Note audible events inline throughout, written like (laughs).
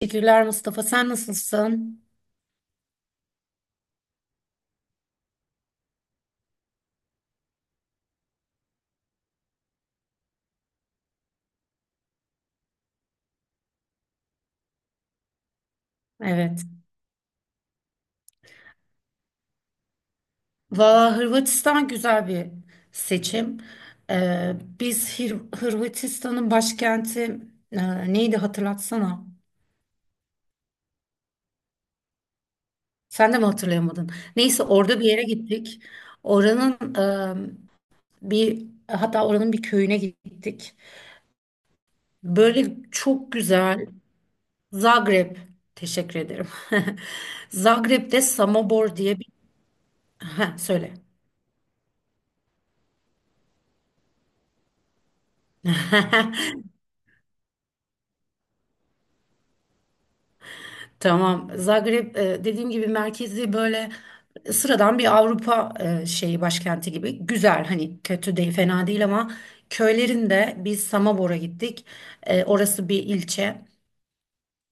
Teşekkürler Mustafa. Sen nasılsın? Evet. Valla Hırvatistan güzel bir seçim. Biz Hırvatistan'ın başkenti neydi hatırlatsana. Sen de mi hatırlayamadın? Neyse orada bir yere gittik. Oranın bir hatta oranın bir köyüne gittik. Böyle çok güzel Zagreb. Teşekkür ederim. (laughs) Zagreb'de Samobor diye bir... Heh, söyle. (laughs) Tamam. Zagreb dediğim gibi merkezi böyle sıradan bir Avrupa şeyi başkenti gibi. Güzel, hani kötü değil, fena değil, ama köylerinde biz Samobor'a gittik. Orası bir ilçe.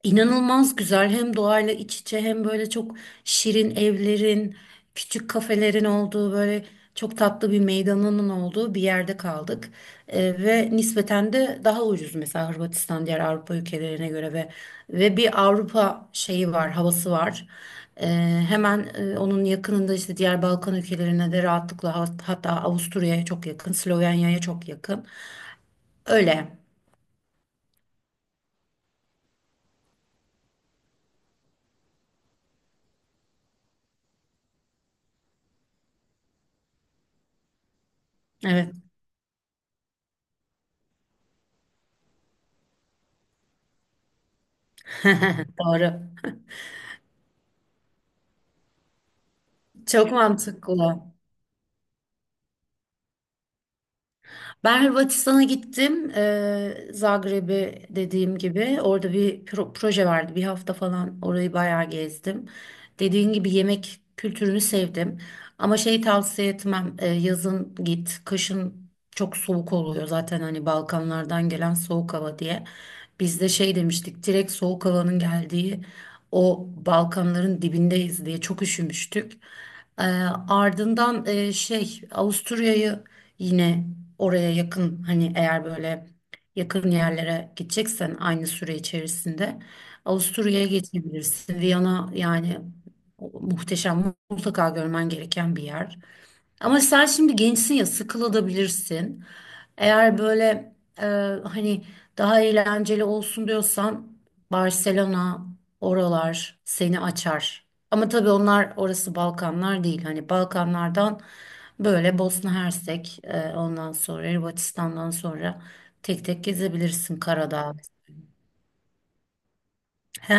İnanılmaz güzel, hem doğayla iç içe hem böyle çok şirin evlerin, küçük kafelerin olduğu, böyle çok tatlı bir meydanının olduğu bir yerde kaldık. Ve nispeten de daha ucuz mesela Hırvatistan diğer Avrupa ülkelerine göre ve bir Avrupa şeyi var, havası var. Ee, Hemen onun yakınında işte diğer Balkan ülkelerine de rahatlıkla hatta Avusturya'ya çok yakın, Slovenya'ya çok yakın. Öyle. Evet, doğru. Çok mantıklı. Ben Hırvatistan'a gittim. Zagreb'e dediğim gibi orada bir proje vardı. 1 hafta falan orayı bayağı gezdim. Dediğin gibi yemek kültürünü sevdim. Ama şey tavsiye etmem. Yazın git. Kışın çok soğuk oluyor zaten hani Balkanlardan gelen soğuk hava diye. Biz de şey demiştik. Direkt soğuk havanın geldiği o Balkanların dibindeyiz diye çok üşümüştük. Ee, Ardından şey Avusturya'yı yine oraya yakın, hani eğer böyle yakın yerlere gideceksen aynı süre içerisinde Avusturya'ya geçebilirsin. Viyana yani muhteşem, mutlaka görmen gereken bir yer. Ama sen şimdi gençsin ya, sıkılabilirsin. Eğer böyle e, hani daha eğlenceli olsun diyorsan Barcelona, oralar seni açar. Ama tabii onlar orası Balkanlar değil. Hani Balkanlardan böyle Bosna Hersek, ondan sonra Hırvatistan'dan sonra tek tek gezebilirsin Karadağ. He,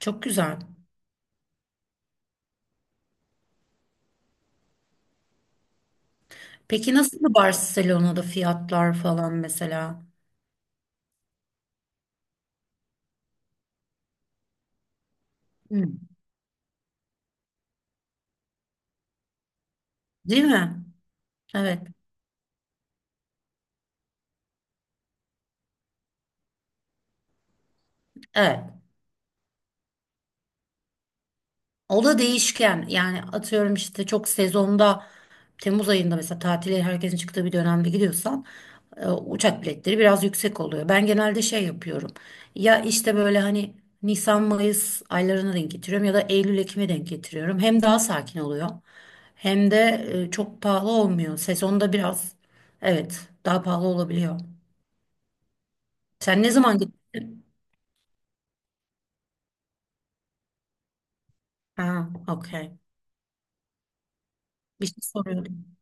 çok güzel. Peki nasıl Barcelona'da fiyatlar falan mesela? Hı, değil mi? Evet. Evet. O da değişken yani, atıyorum işte çok sezonda Temmuz ayında mesela tatile herkesin çıktığı bir dönemde gidiyorsan uçak biletleri biraz yüksek oluyor. Ben genelde şey yapıyorum, ya işte böyle hani Nisan Mayıs aylarına denk getiriyorum ya da Eylül Ekim'e denk getiriyorum. Hem daha sakin oluyor hem de çok pahalı olmuyor. Sezonda biraz evet daha pahalı olabiliyor. Sen ne zaman gittin? Ha, okey. Bir şey soruyordum.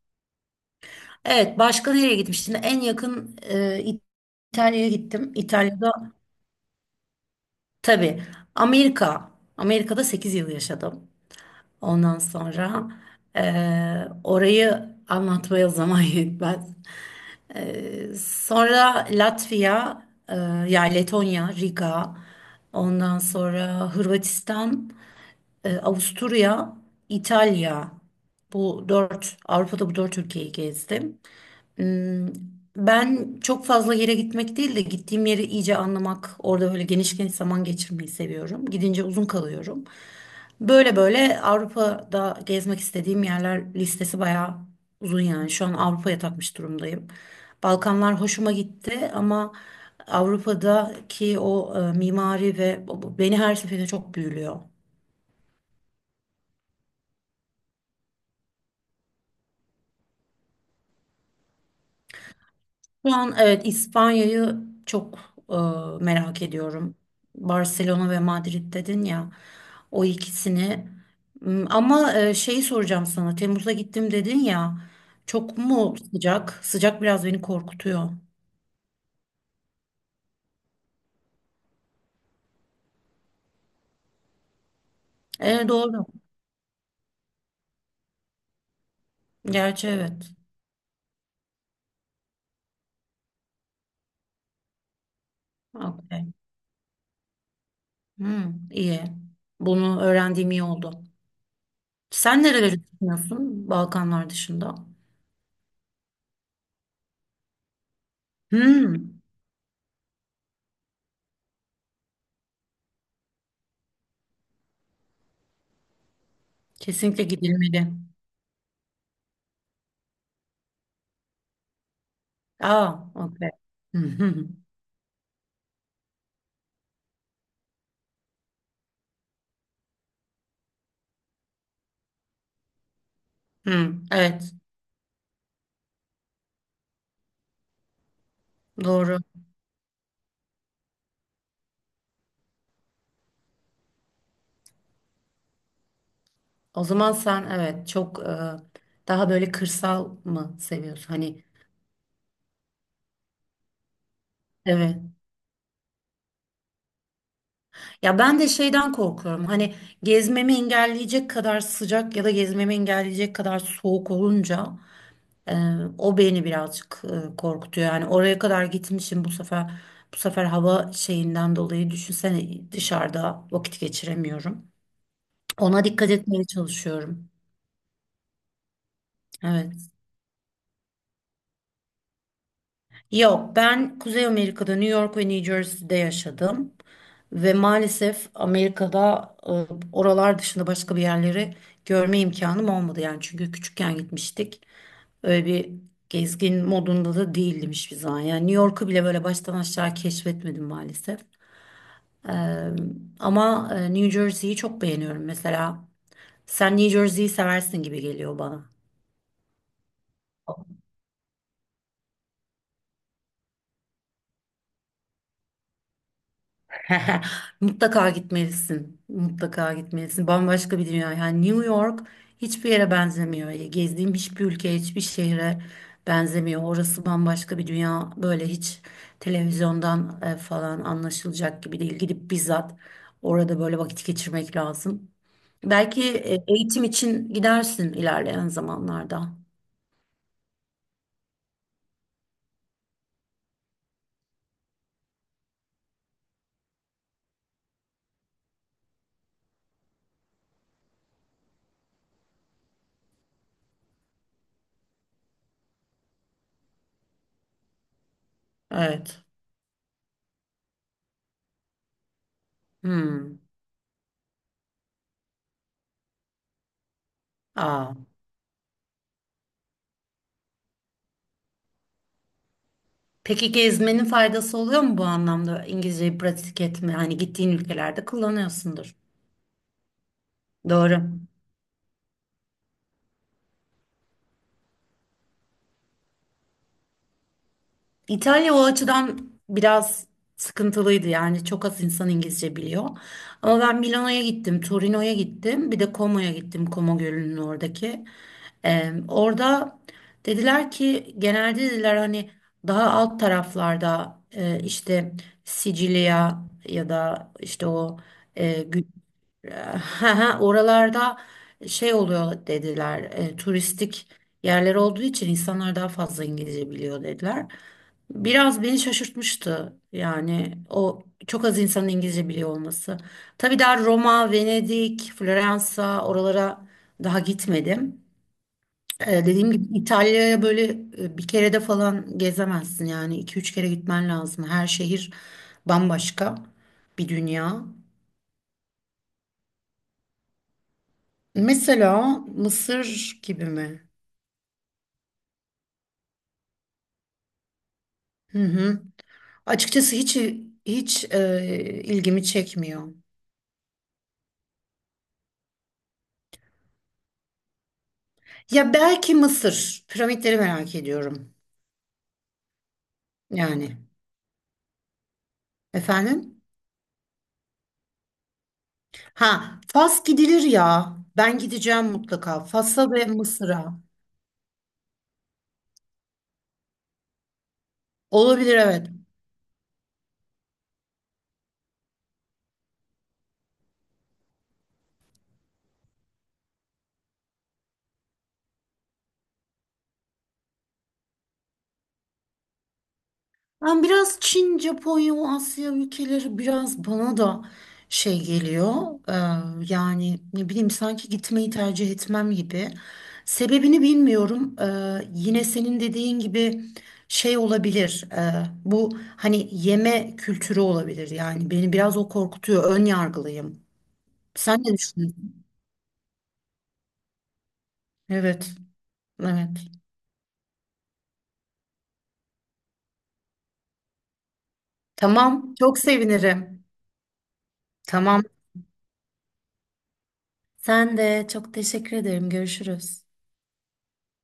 Evet, başka nereye gitmiştim? En yakın, İtalya'ya gittim. İtalya'da tabii. Amerika. Amerika'da 8 yıl yaşadım. Ondan sonra e, orayı anlatmaya zaman (laughs) yetmez. E, sonra Latvia, e, yani Letonya, Riga. Ondan sonra Hırvatistan, Avusturya, İtalya. Bu dört, Avrupa'da bu dört ülkeyi gezdim. Hmm. Ben çok fazla yere gitmek değil de gittiğim yeri iyice anlamak, orada böyle geniş geniş zaman geçirmeyi seviyorum. Gidince uzun kalıyorum. Böyle böyle Avrupa'da gezmek istediğim yerler listesi bayağı uzun yani. Şu an Avrupa'ya takmış durumdayım. Balkanlar hoşuma gitti ama Avrupa'daki o mimari ve beni her seferinde çok büyülüyor. Şu an evet İspanya'yı çok e, merak ediyorum. Barcelona ve Madrid dedin ya, o ikisini. M, ama şeyi soracağım sana. Temmuz'a gittim dedin ya. Çok mu sıcak? Sıcak biraz beni korkutuyor. E, doğru. Gerçi evet. Okay. Hmm, iyi. Bunu öğrendiğim iyi oldu. Sen nereleri düşünüyorsun Balkanlar dışında? Hmm, kesinlikle gidilmeli. Aa, okay. (laughs) Hı, evet, doğru. O zaman sen evet çok daha böyle kırsal mı seviyorsun? Hani evet. Ya ben de şeyden korkuyorum. Hani gezmemi engelleyecek kadar sıcak ya da gezmemi engelleyecek kadar soğuk olunca e, o beni birazcık korkutuyor. Yani oraya kadar gitmişim bu sefer hava şeyinden dolayı düşünsene dışarıda vakit geçiremiyorum. Ona dikkat etmeye çalışıyorum. Evet. Yok, ben Kuzey Amerika'da New York ve New Jersey'de yaşadım ve maalesef Amerika'da oralar dışında başka bir yerleri görme imkanım olmadı yani, çünkü küçükken gitmiştik. Öyle bir gezgin modunda da değildim hiçbir zaman. Yani New York'u bile böyle baştan aşağı keşfetmedim maalesef. Ee, Ama New Jersey'yi çok beğeniyorum mesela. Sen New Jersey'yi seversin gibi geliyor bana. (laughs) Mutlaka gitmelisin. Mutlaka gitmelisin. Bambaşka bir dünya. Yani New York hiçbir yere benzemiyor. Gezdiğim hiçbir ülke, hiçbir şehre benzemiyor. Orası bambaşka bir dünya. Böyle hiç televizyondan falan anlaşılacak gibi değil. Gidip bizzat orada böyle vakit geçirmek lazım. Belki eğitim için gidersin ilerleyen zamanlarda. Evet. Hmm. Aa. Peki gezmenin faydası oluyor mu bu anlamda? İngilizceyi pratik etme, hani gittiğin ülkelerde kullanıyorsundur. Doğru. İtalya o açıdan biraz sıkıntılıydı yani çok az insan İngilizce biliyor. Ama ben Milano'ya gittim, Torino'ya gittim, bir de Como'ya gittim, Como Gölü'nün oradaki. Orada dediler ki, genelde dediler hani daha alt taraflarda işte Sicilya ya da işte o e, Gü- Eee, oralarda şey oluyor dediler, turistik yerler olduğu için insanlar daha fazla İngilizce biliyor dediler. Biraz beni şaşırtmıştı yani o çok az insanın İngilizce biliyor olması. Tabii daha Roma, Venedik, Floransa oralara daha gitmedim. Dediğim gibi İtalya'ya böyle bir kere de falan gezemezsin yani, iki üç kere gitmen lazım. Her şehir bambaşka bir dünya. Mesela Mısır gibi mi? Hı hı. Açıkçası hiç ilgimi çekmiyor. Ya belki Mısır. Piramitleri merak ediyorum. Yani efendim? Ha, Fas gidilir ya. Ben gideceğim mutlaka. Fas'a ve Mısır'a. Olabilir evet. Ben biraz Çin, Japonya, o Asya ülkeleri biraz bana da şey geliyor. Ee, Yani ne bileyim, sanki gitmeyi tercih etmem gibi. Sebebini bilmiyorum. Yine senin dediğin gibi şey olabilir. Bu hani yeme kültürü olabilir. Yani beni biraz o korkutuyor. Ön yargılıyım. Sen ne düşünüyorsun? Evet, evet. Tamam, çok sevinirim. Tamam. Sen de, çok teşekkür ederim. Görüşürüz.